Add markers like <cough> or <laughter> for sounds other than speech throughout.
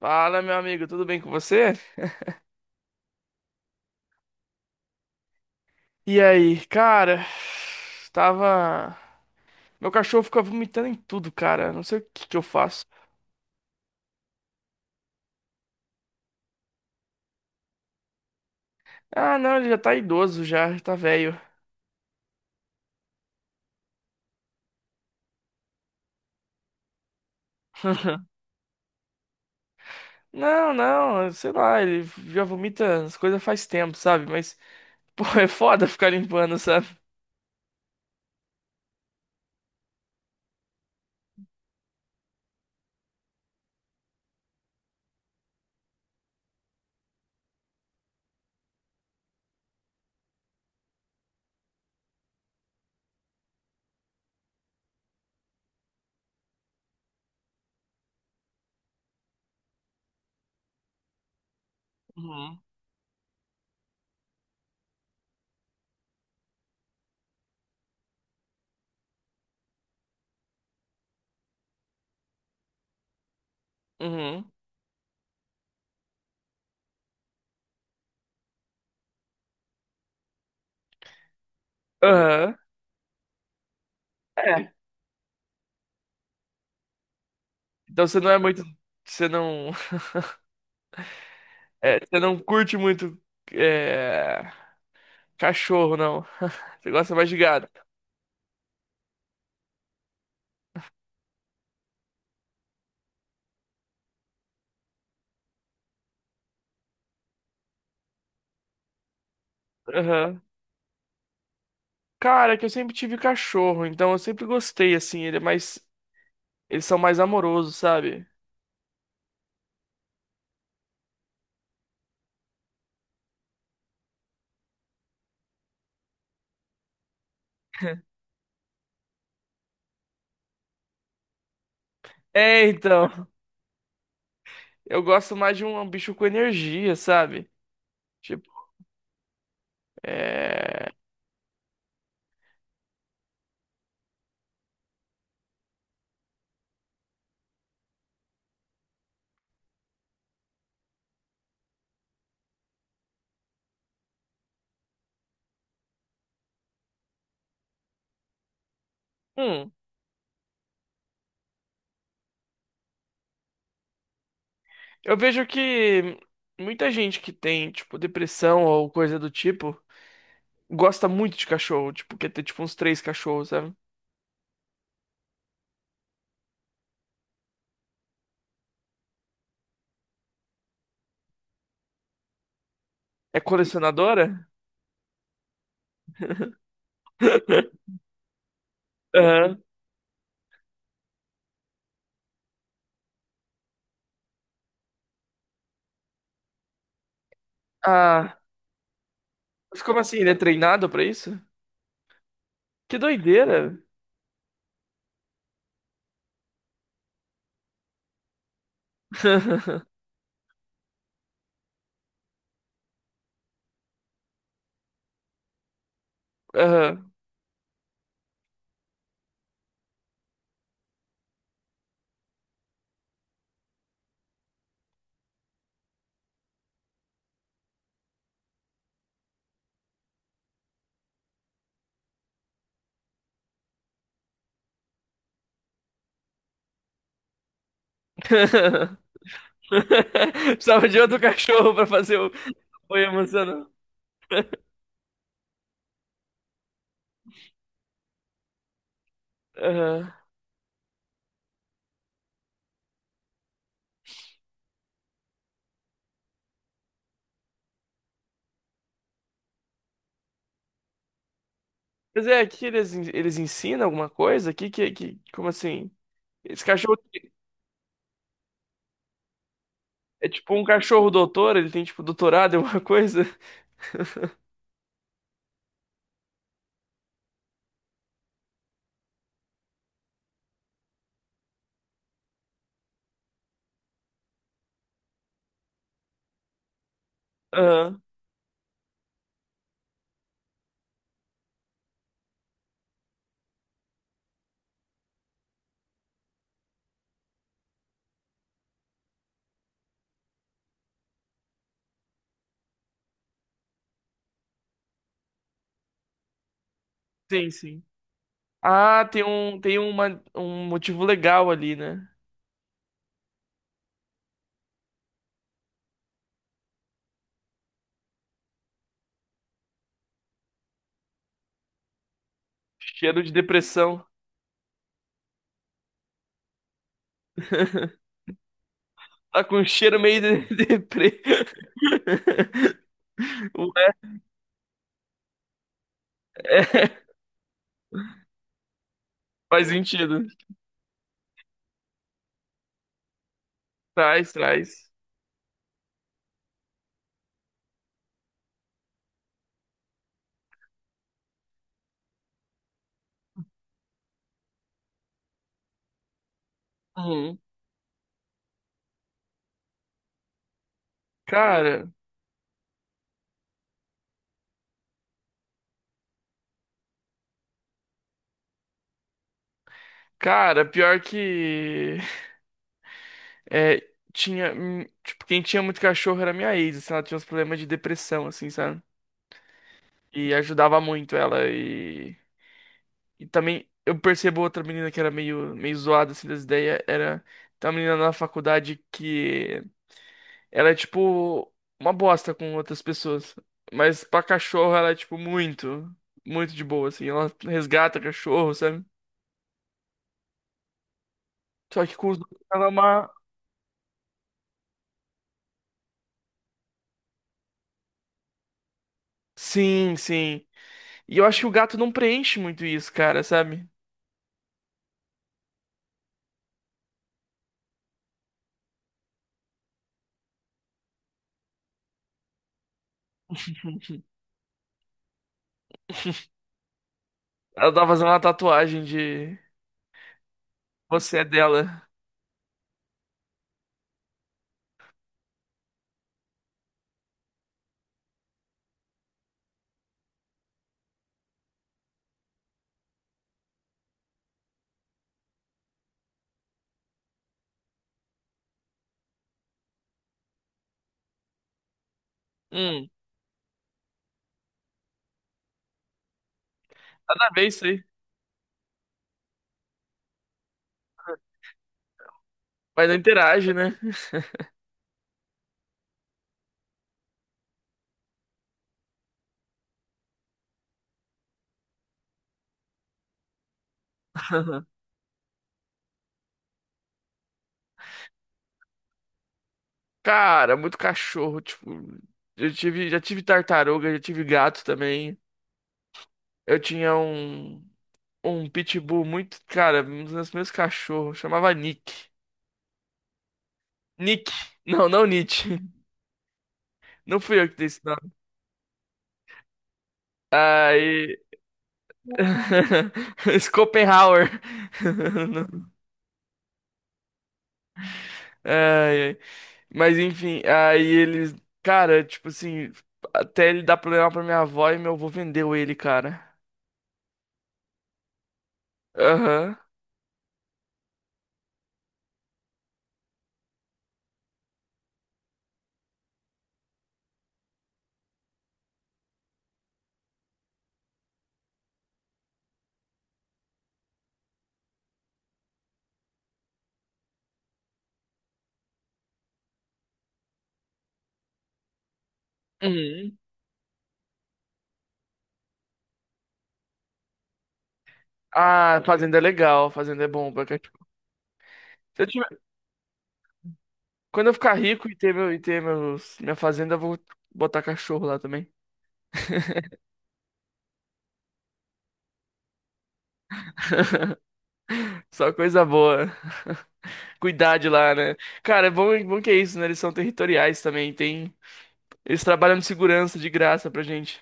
Fala, meu amigo, tudo bem com você? E aí, cara, tava. Meu cachorro fica vomitando em tudo, cara. Não sei o que eu faço. Ah, não, ele já tá idoso, já, tá velho. <laughs> Não, não, sei lá, ele já vomita as coisas faz tempo, sabe? Mas, <laughs> pô, é foda ficar limpando, sabe? Uhum. Uhum. Aham. É. Então você não é muito. Você não. <laughs> É, você não curte muito. É... Cachorro, não. <laughs> Você gosta mais de gato. Aham. Cara, é que eu sempre tive cachorro, então eu sempre gostei, assim, ele é mais. Eles são mais amorosos, sabe? É, então. <laughs> Eu gosto mais de um bicho com energia, sabe? Tipo, é. Hum. Eu vejo que muita gente que tem, tipo, depressão ou coisa do tipo, gosta muito de cachorro, tipo, quer ter, tipo, uns três cachorros, sabe? É colecionadora? <laughs> Aham. Ah. Mas como assim? Ele é treinado pra isso? Que doideira! <laughs> Aham. <laughs> <laughs> Precisava de outro cachorro pra fazer o apoio emocional. Aham. Mas é, aqui eles, eles ensinam alguma coisa? Como assim? Esse cachorro é tipo um cachorro doutor, ele tem tipo doutorado em alguma coisa? <laughs> Aham. Sim, sim. Ah, tem um, tem uma, um motivo legal ali, né? Cheiro de depressão. <laughs> Tá com um cheiro meio de deprê. <laughs> Ué, é, faz sentido. Traz, traz. Uhum. Cara, pior que. É, tinha, tipo, quem tinha muito cachorro era minha ex, assim, ela tinha uns problemas de depressão, assim, sabe? E ajudava muito ela e também eu percebo outra menina que era meio, meio zoada, assim, das ideias, era tem uma menina na faculdade que ela é, tipo, uma bosta com outras pessoas, mas pra cachorro ela é, tipo, muito, muito de boa, assim, ela resgata cachorro, sabe? Só que com os ela é uma... Sim, sim. E eu acho que o gato não preenche muito isso, cara, sabe? Ela tá fazendo uma tatuagem de você é dela. Hum, nada a ver isso aí. Mas não interage, né? Cara, muito cachorro, tipo, eu tive, já tive tartaruga, já tive gato também. Eu tinha um pitbull muito, cara, um dos meus cachorros, chamava Nick. Nick. Não, não Nietzsche. <laughs> Não fui eu que dei esse nome. Aí <laughs> Schopenhauer. <laughs> Ai, ai. Mas enfim, aí eles. Cara, tipo assim, até ele dar problema pra minha avó e meu avô vendeu ele, cara. Aham. Uhum. Ah, fazenda é legal, fazenda é bom pra cachorro. Se eu tiver- Quando eu ficar rico e ter, meu, e ter meus, minha fazenda, eu vou botar cachorro lá também. <laughs> Só coisa boa. Cuidar de lá, né? Cara, é bom que é isso, né? Eles são territoriais também. Tem... Eles trabalham de segurança de graça pra gente.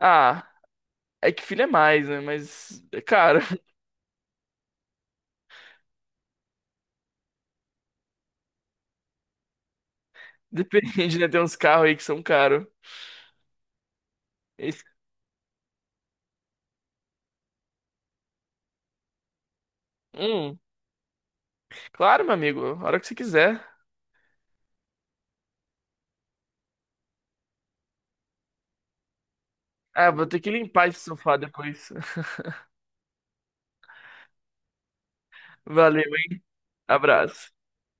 Ah. É que filho é mais, né? Mas é caro. <laughs> Depende, né? Tem uns carros aí que são caros. Esse- Hum, claro, meu amigo. A hora que você quiser. Ah, vou ter que limpar esse sofá depois. <laughs> Valeu, hein? Abraço.